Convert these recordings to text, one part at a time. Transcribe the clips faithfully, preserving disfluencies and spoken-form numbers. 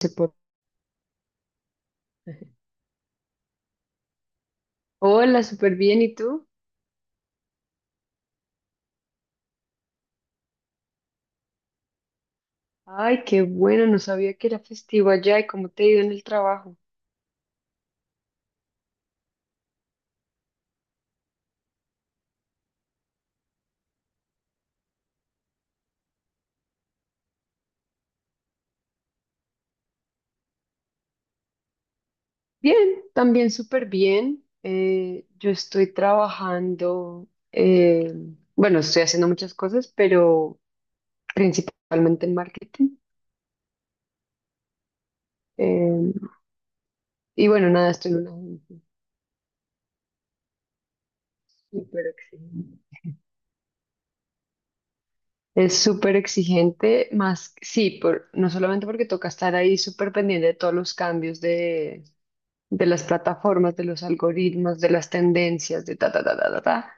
Se por- Hola, súper bien. ¿Y tú? Ay, qué bueno, no sabía que era festivo allá. ¿Y cómo te ha ido en el trabajo? Bien, también súper bien. Eh, yo estoy trabajando, eh, bueno, estoy haciendo muchas cosas, pero principalmente en marketing. Eh, y bueno, nada, estoy en una agencia súper exigente. Es súper exigente, más, sí, por, no solamente porque toca estar ahí súper pendiente de todos los cambios de de las plataformas, de los algoritmos, de las tendencias, de ta, ta, ta, ta, ta, ta.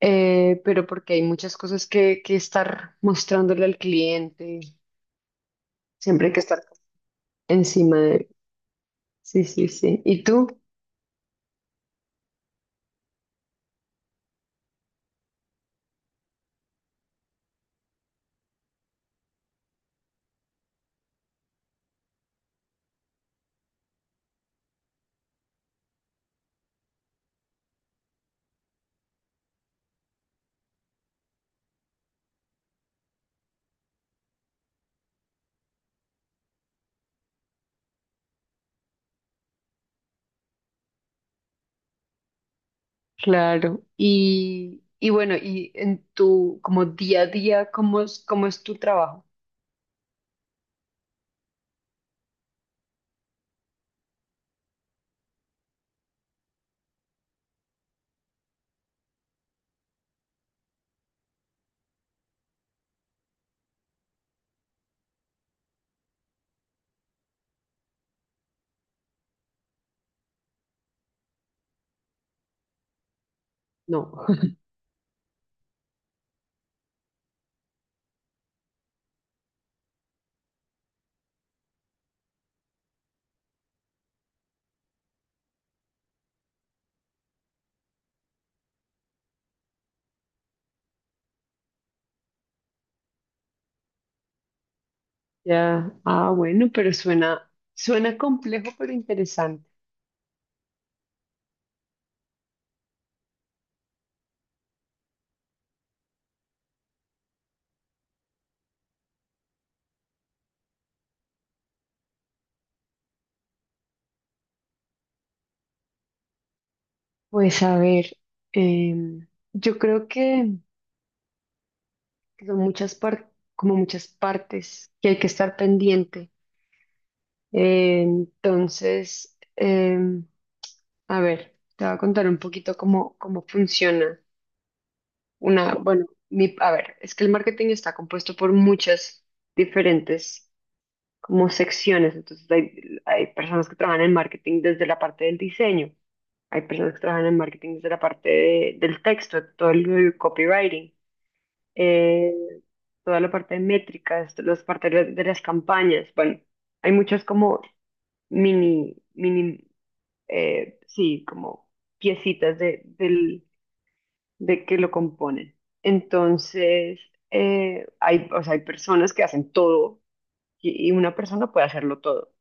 Eh, pero porque hay muchas cosas que, que estar mostrándole al cliente, siempre hay que estar encima de él. Sí, sí, sí. ¿Y tú? Claro. Y, y bueno, y en tu como día a día, ¿cómo es, cómo es tu trabajo? No. Ya. Ah, bueno, pero suena, suena complejo, pero interesante. Pues a ver, em, yo creo que que son muchas par- como muchas partes que hay que estar pendiente. Eh, entonces, eh, a ver, te voy a contar un poquito cómo, cómo funciona una, bueno, mi, a ver, es que el marketing está compuesto por muchas diferentes como secciones. Entonces hay, hay personas que trabajan en marketing desde la parte del diseño, hay personas que trabajan en marketing desde la parte de- del texto, todo el copywriting, eh, toda la parte de métricas, los partidos de de las campañas. Bueno, hay muchas como mini, mini, eh, sí, como piecitas de, del, de que lo componen. Entonces, eh, hay, o sea, hay personas que hacen todo y y una persona puede hacerlo todo.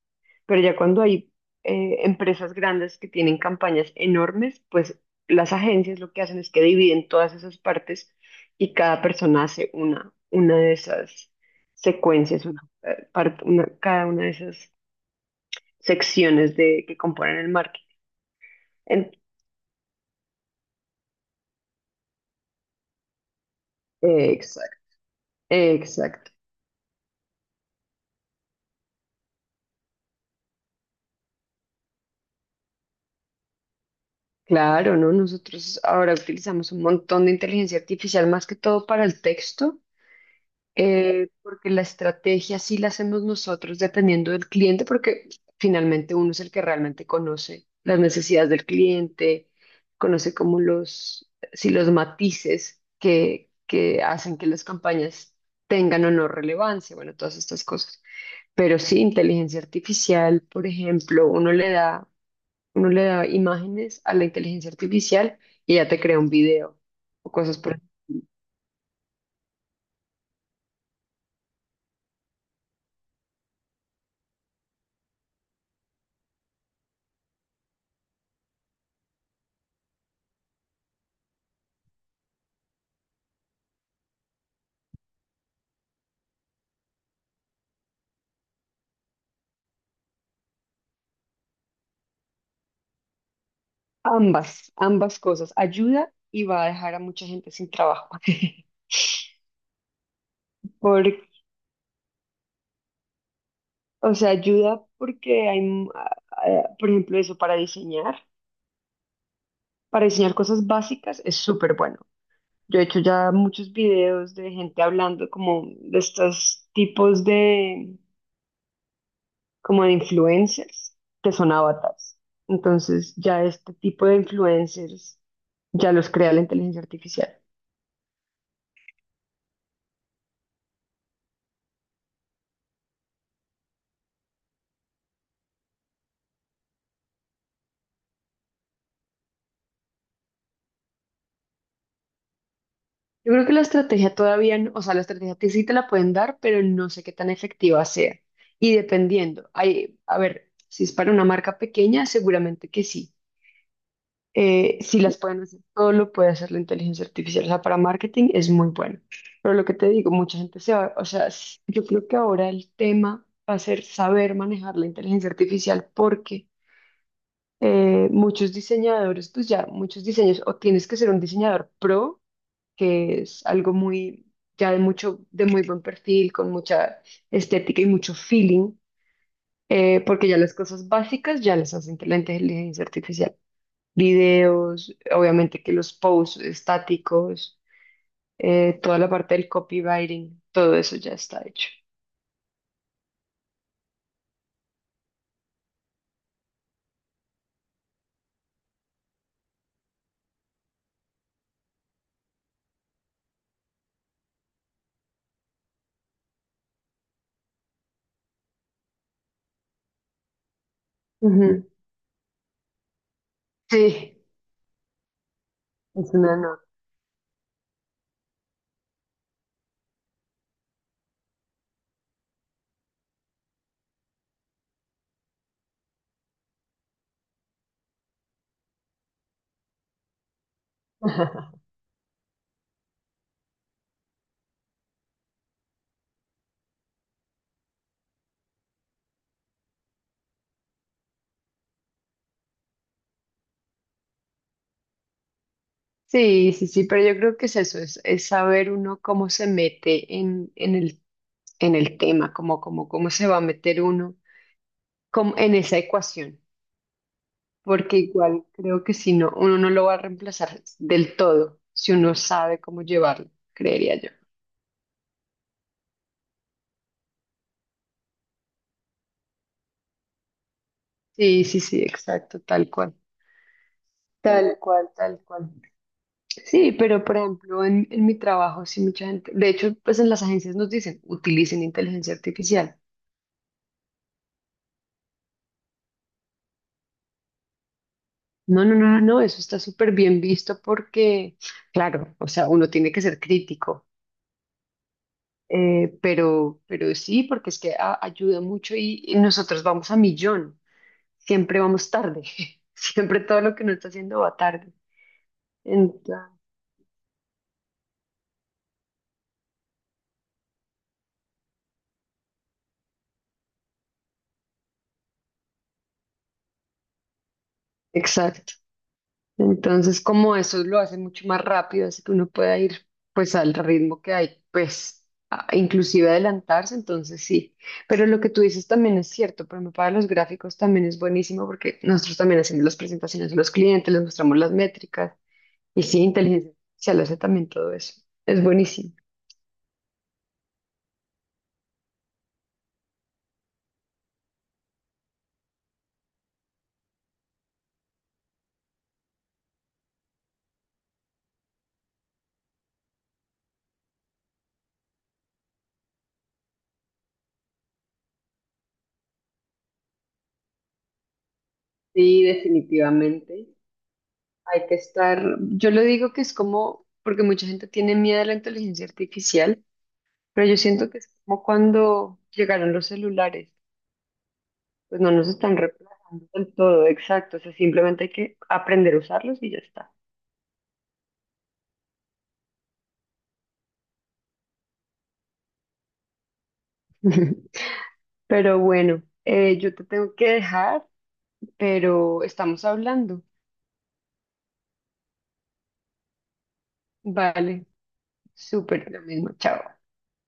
Pero ya cuando hay eh, empresas grandes que tienen campañas enormes, pues las agencias lo que hacen es que dividen todas esas partes, y cada persona hace una, una de esas secuencias, una, eh, parte- una- cada una de esas secciones de, que componen el marketing. En- eh, exacto, exacto. Claro, ¿no? Nosotros ahora utilizamos un montón de inteligencia artificial más que todo para el texto, eh, porque la estrategia sí la hacemos nosotros dependiendo del cliente, porque finalmente uno es el que realmente conoce las necesidades del cliente, conoce como los, si los matices que, que hacen que las campañas tengan o no relevancia, bueno, todas estas cosas. Pero sí, inteligencia artificial, por ejemplo, uno le da, uno le da imágenes a la inteligencia artificial y ya te crea un video o cosas por… Ambas, ambas cosas. Ayuda y va a dejar a mucha gente sin trabajo. Por, o sea, ayuda porque hay, m- a- a- por ejemplo, eso para diseñar, para diseñar cosas básicas es súper bueno. Yo he hecho ya muchos videos de gente hablando como de estos tipos de, como de influencers que son avatars. Entonces, ya este tipo de influencers ya los crea la inteligencia artificial. Yo creo que la estrategia todavía, no- o sea, la estrategia, que sí te la pueden dar, pero no sé qué tan efectiva sea. Y dependiendo, hay, a ver, si es para una marca pequeña, seguramente que sí. Eh, si las pueden hacer, todo lo puede hacer la inteligencia artificial. O sea, para marketing es muy bueno. Pero lo que te digo, mucha gente se va, o sea, s- yo creo que ahora el tema va a ser saber manejar la inteligencia artificial, porque eh, muchos diseñadores, pues ya, muchos diseños, o tienes que ser un diseñador pro, que es algo muy, ya de mucho, de muy buen perfil, con mucha estética y mucho feeling, eh, porque ya las cosas básicas ya las hacen la inteligencia artificial. Videos, obviamente, que los posts estáticos, eh, toda la parte del copywriting, todo eso ya está hecho. Ujú. Sí. Es una nota. Sí, sí, sí, pero yo creo que es eso, es, es saber uno cómo se mete en, en el, en el tema, como cómo, cómo, cómo se va a meter uno como en esa ecuación, porque igual creo que si no, uno no lo va a reemplazar del todo, si uno sabe cómo llevarlo, creería yo. Sí, sí, sí, exacto, tal cual. Tal cual, tal cual. Sí, pero por ejemplo, en, en mi trabajo, sí, mucha gente, de hecho, pues en las agencias nos dicen, utilicen inteligencia artificial. No, no, no, no, no, eso está súper bien visto porque, claro, o sea, uno tiene que ser crítico, eh, pero, pero sí, porque es que a- ayuda mucho y, y nosotros vamos a millón. Siempre vamos tarde. Siempre todo lo que uno está haciendo va tarde. Entonces, exacto. Entonces, como eso lo hace mucho más rápido, así que uno pueda ir pues al ritmo que hay, pues a- inclusive adelantarse, entonces sí. Pero lo que tú dices también es cierto, pero para los gráficos también es buenísimo porque nosotros también hacemos las presentaciones a los clientes, les mostramos las métricas y sí, inteligencia artificial hace también todo eso. Es buenísimo. Sí, definitivamente. Hay que estar, yo lo digo que es como, porque mucha gente tiene miedo a la inteligencia artificial, pero yo siento que es como cuando llegaron los celulares, pues no nos están reemplazando del todo, exacto, o sea, simplemente hay que aprender a usarlos y ya está. Pero bueno, eh, yo te tengo que dejar, pero estamos hablando. Vale, súper, lo mismo, chao.